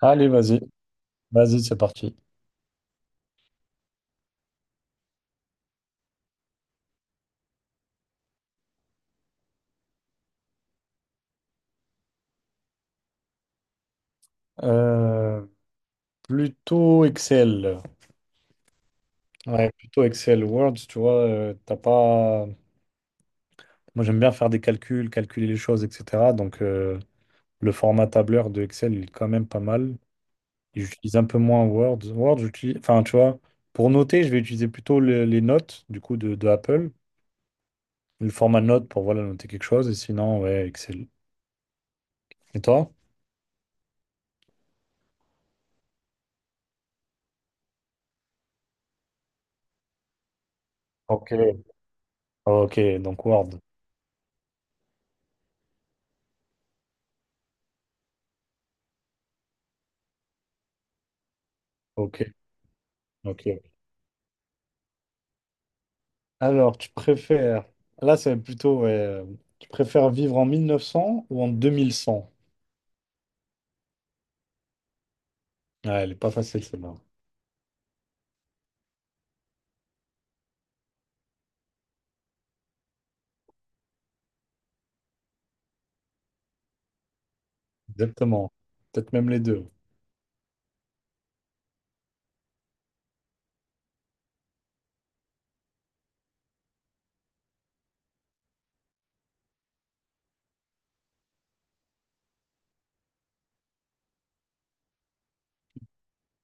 Allez, vas-y, vas-y, c'est parti. Euh, Plutôt Excel. Ouais, plutôt Excel. Word, tu vois, t'as pas. Moi, j'aime bien faire des calculs, calculer les choses, etc. Donc, le format tableur de Excel, il est quand même pas mal. Et j'utilise un peu moins Word. Word, j'utilise. Enfin, tu vois, pour noter, je vais utiliser plutôt les notes, du coup, de Apple. Le format note pour, voilà, noter quelque chose. Et sinon, ouais, Excel. Et toi? Ok. Ok, donc Word. Ok, ok. Alors, tu préfères, là c'est plutôt, ouais, tu préfères vivre en 1900 ou en 2100. Ouais, elle est pas facile celle-là. Exactement. Peut-être même les deux.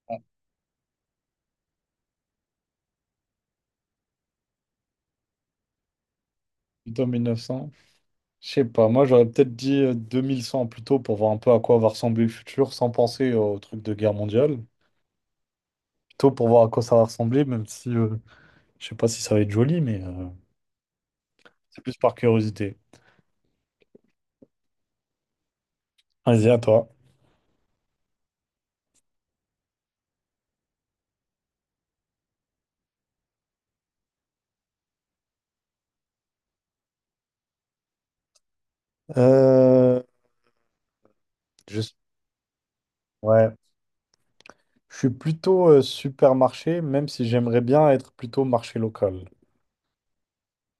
Ah, plutôt 1900. Je sais pas, moi j'aurais peut-être dit 2100 plutôt pour voir un peu à quoi va ressembler le futur sans penser au truc de guerre mondiale. Plutôt pour voir à quoi ça va ressembler, même si je sais pas si ça va être joli, mais c'est plus par curiosité. Vas-y, à toi. Euh, Juste, ouais. Je suis plutôt supermarché, même si j'aimerais bien être plutôt marché local.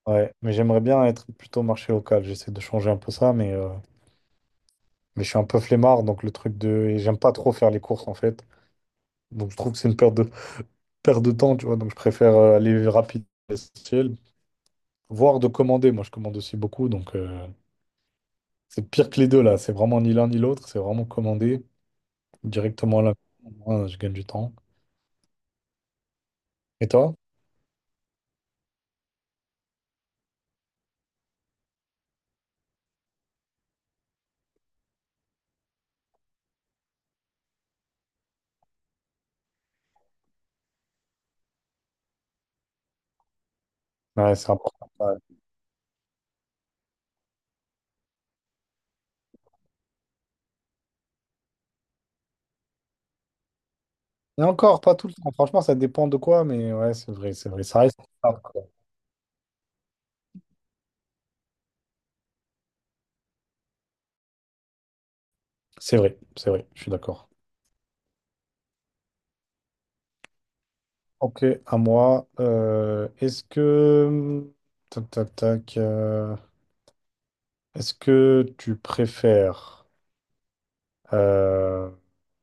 Ouais, mais j'aimerais bien être plutôt marché local. J'essaie de changer un peu ça, mais je suis un peu flemmard, donc le truc de... Et j'aime pas trop faire les courses, en fait. Donc je trouve que c'est une perte de temps, tu vois. Donc je préfère aller rapide, essentiel, voire de commander. Moi, je commande aussi beaucoup, donc c'est pire que les deux, là. C'est vraiment ni l'un ni l'autre, c'est vraiment commander directement là. Moi, je gagne du temps. Et toi? Ouais, c'est important. Et encore, pas tout le temps. Franchement, ça dépend de quoi, mais ouais, c'est vrai, c'est vrai. Ça reste rare, quoi. C'est vrai, je suis d'accord. Ok, à moi. Est-ce que. Tac, tac, tac. Est-ce que tu préfères euh,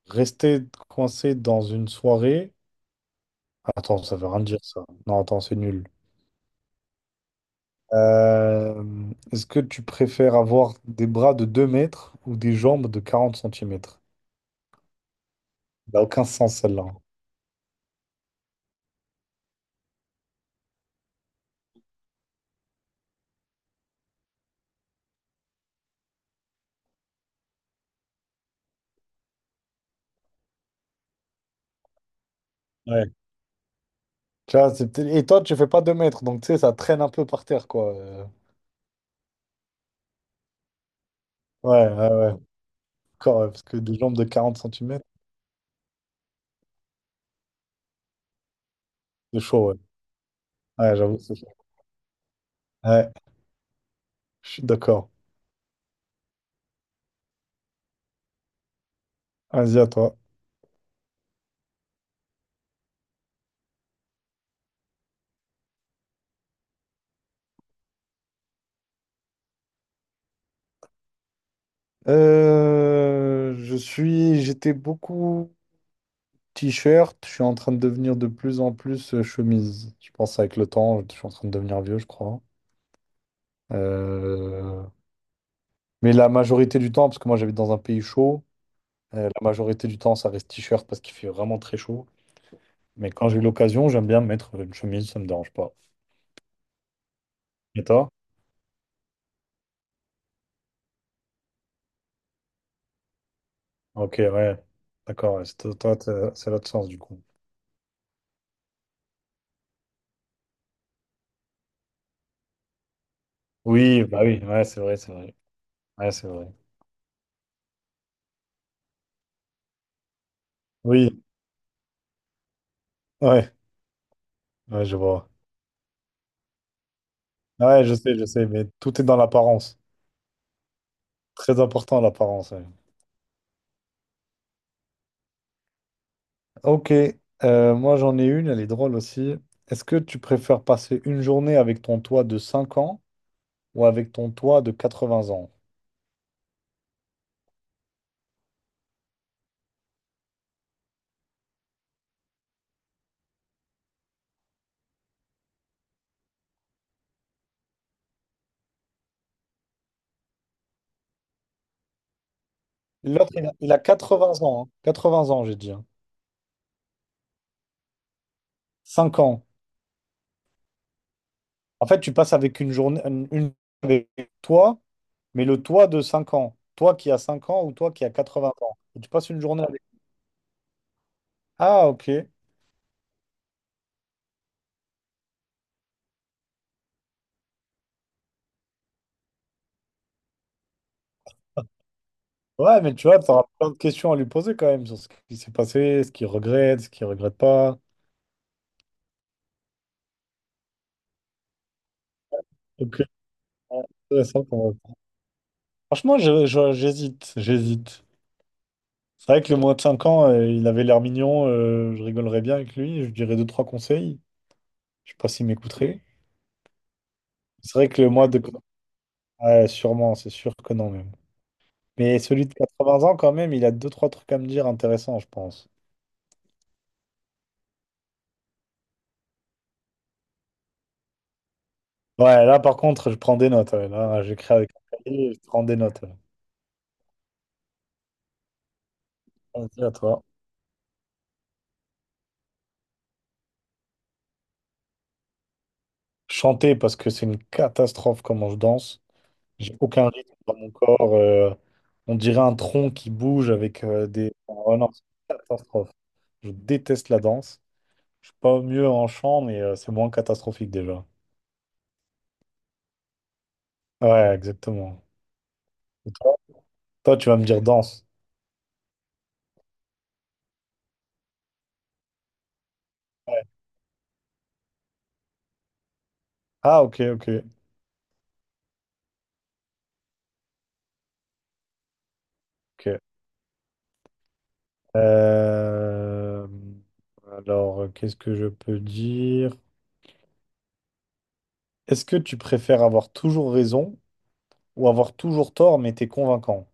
rester coincé dans une soirée? Attends, ça veut rien dire ça. Non, attends, c'est nul. Euh, Est-ce que tu préfères avoir des bras de 2 mètres ou des jambes de 40 centimètres. Ça n'a aucun sens celle-là. Ouais. Tu vois, et toi, tu fais pas 2 mètres, donc tu sais, ça traîne un peu par terre, quoi. Ouais, ouais, ouais. Encore, ouais, parce que des jambes de 40 centimètres, c'est chaud, ouais. Ouais, j'avoue, c'est chaud. Ouais, je suis d'accord. Vas-y, à toi. Je suis... J'étais beaucoup... T-shirt, je suis en train de devenir de plus en plus chemise. Je pense avec le temps, je suis en train de devenir vieux, je crois. Euh, Mais la majorité du temps, parce que moi j'habite dans un pays chaud, la majorité du temps ça reste t-shirt parce qu'il fait vraiment très chaud. Mais quand j'ai l'occasion, j'aime bien mettre une chemise, ça me dérange pas. Et toi? Ok, ouais. D'accord, ouais, c'est toi, toi, c'est l'autre sens du coup. Oui, bah oui, ouais, c'est vrai, c'est vrai. Ouais, c'est vrai. Oui, ouais, ouais, je vois. Ouais, je sais, mais tout est dans l'apparence. Très important l'apparence, ouais. Ok, moi j'en ai une, elle est drôle aussi. Est-ce que tu préfères passer une journée avec ton toit de 5 ans ou avec ton toit de 80 ans? L'autre, il a 80 ans. Hein. 20 ans, j'ai dit. Hein. Cinq ans. En fait, tu passes avec une journée, avec toi, mais le toi de 5 ans. Toi qui as 5 ans ou toi qui as 20 ans. Et tu passes une journée avec. Ah, ok. Ouais, mais tu vois, tu auras plein de questions à lui poser quand même sur ce qui s'est passé, ce qu'il regrette pas. Ok, intéressant quand même. Franchement, j'hésite, j'hésite. C'est vrai que le moins de 5 ans, il avait l'air mignon, je rigolerais bien avec lui, je lui dirais deux trois conseils. Je sais pas s'il m'écouterait. C'est vrai que le mois de... Ouais, sûrement, c'est sûr que non même. Mais celui de 80 ans quand même, il a deux trois trucs à me dire intéressants, je pense. Ouais, là par contre, je prends des notes. Ouais. Là, j'écris avec un cahier, je prends des notes. Ouais. Vas-y, à toi. Chanter parce que c'est une catastrophe comment je danse. J'ai aucun rythme dans mon corps. On dirait un tronc qui bouge avec des. Oh non, c'est une catastrophe. Je déteste la danse. Je suis pas mieux en chant, mais c'est moins catastrophique déjà. Ouais, exactement. Et toi, toi, tu vas me dire danse. Ouais. Ah, ok, ok, ok. Euh, Alors, qu'est-ce que je peux dire? Est-ce que tu préfères avoir toujours raison ou avoir toujours tort, mais t'es convaincant?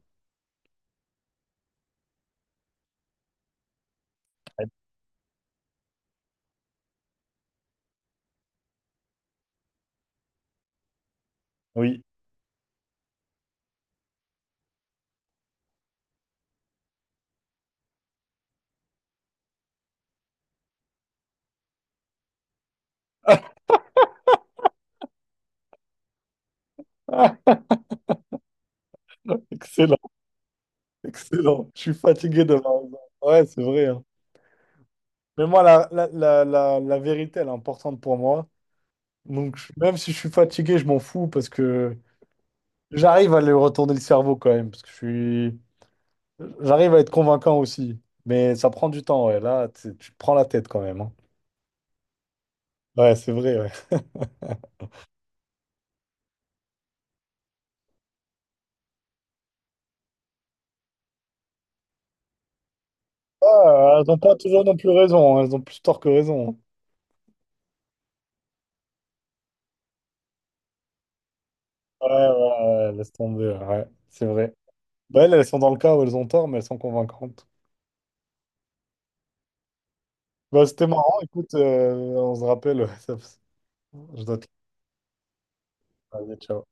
Oui. Excellent, excellent. Je suis fatigué de la raison. Ouais, c'est vrai. Hein. Mais moi, la vérité, elle est importante pour moi. Donc, même si je suis fatigué, je m'en fous parce que j'arrive à lui retourner le cerveau quand même. Parce que j'arrive à être convaincant aussi. Mais ça prend du temps, ouais. Là, tu te prends la tête quand même. Hein. Ouais, c'est vrai, ouais. Ah, elles n'ont pas toujours non plus raison. Hein. Elles ont plus tort que raison. Hein. Ouais, ouais, ouais, laisse tomber. Ouais, ouais, c'est vrai. Bah, elles, elles sont dans le cas où elles ont tort, mais elles sont convaincantes. Bah, c'était marrant, écoute, on se rappelle. Je dois te laisser. Allez, ciao.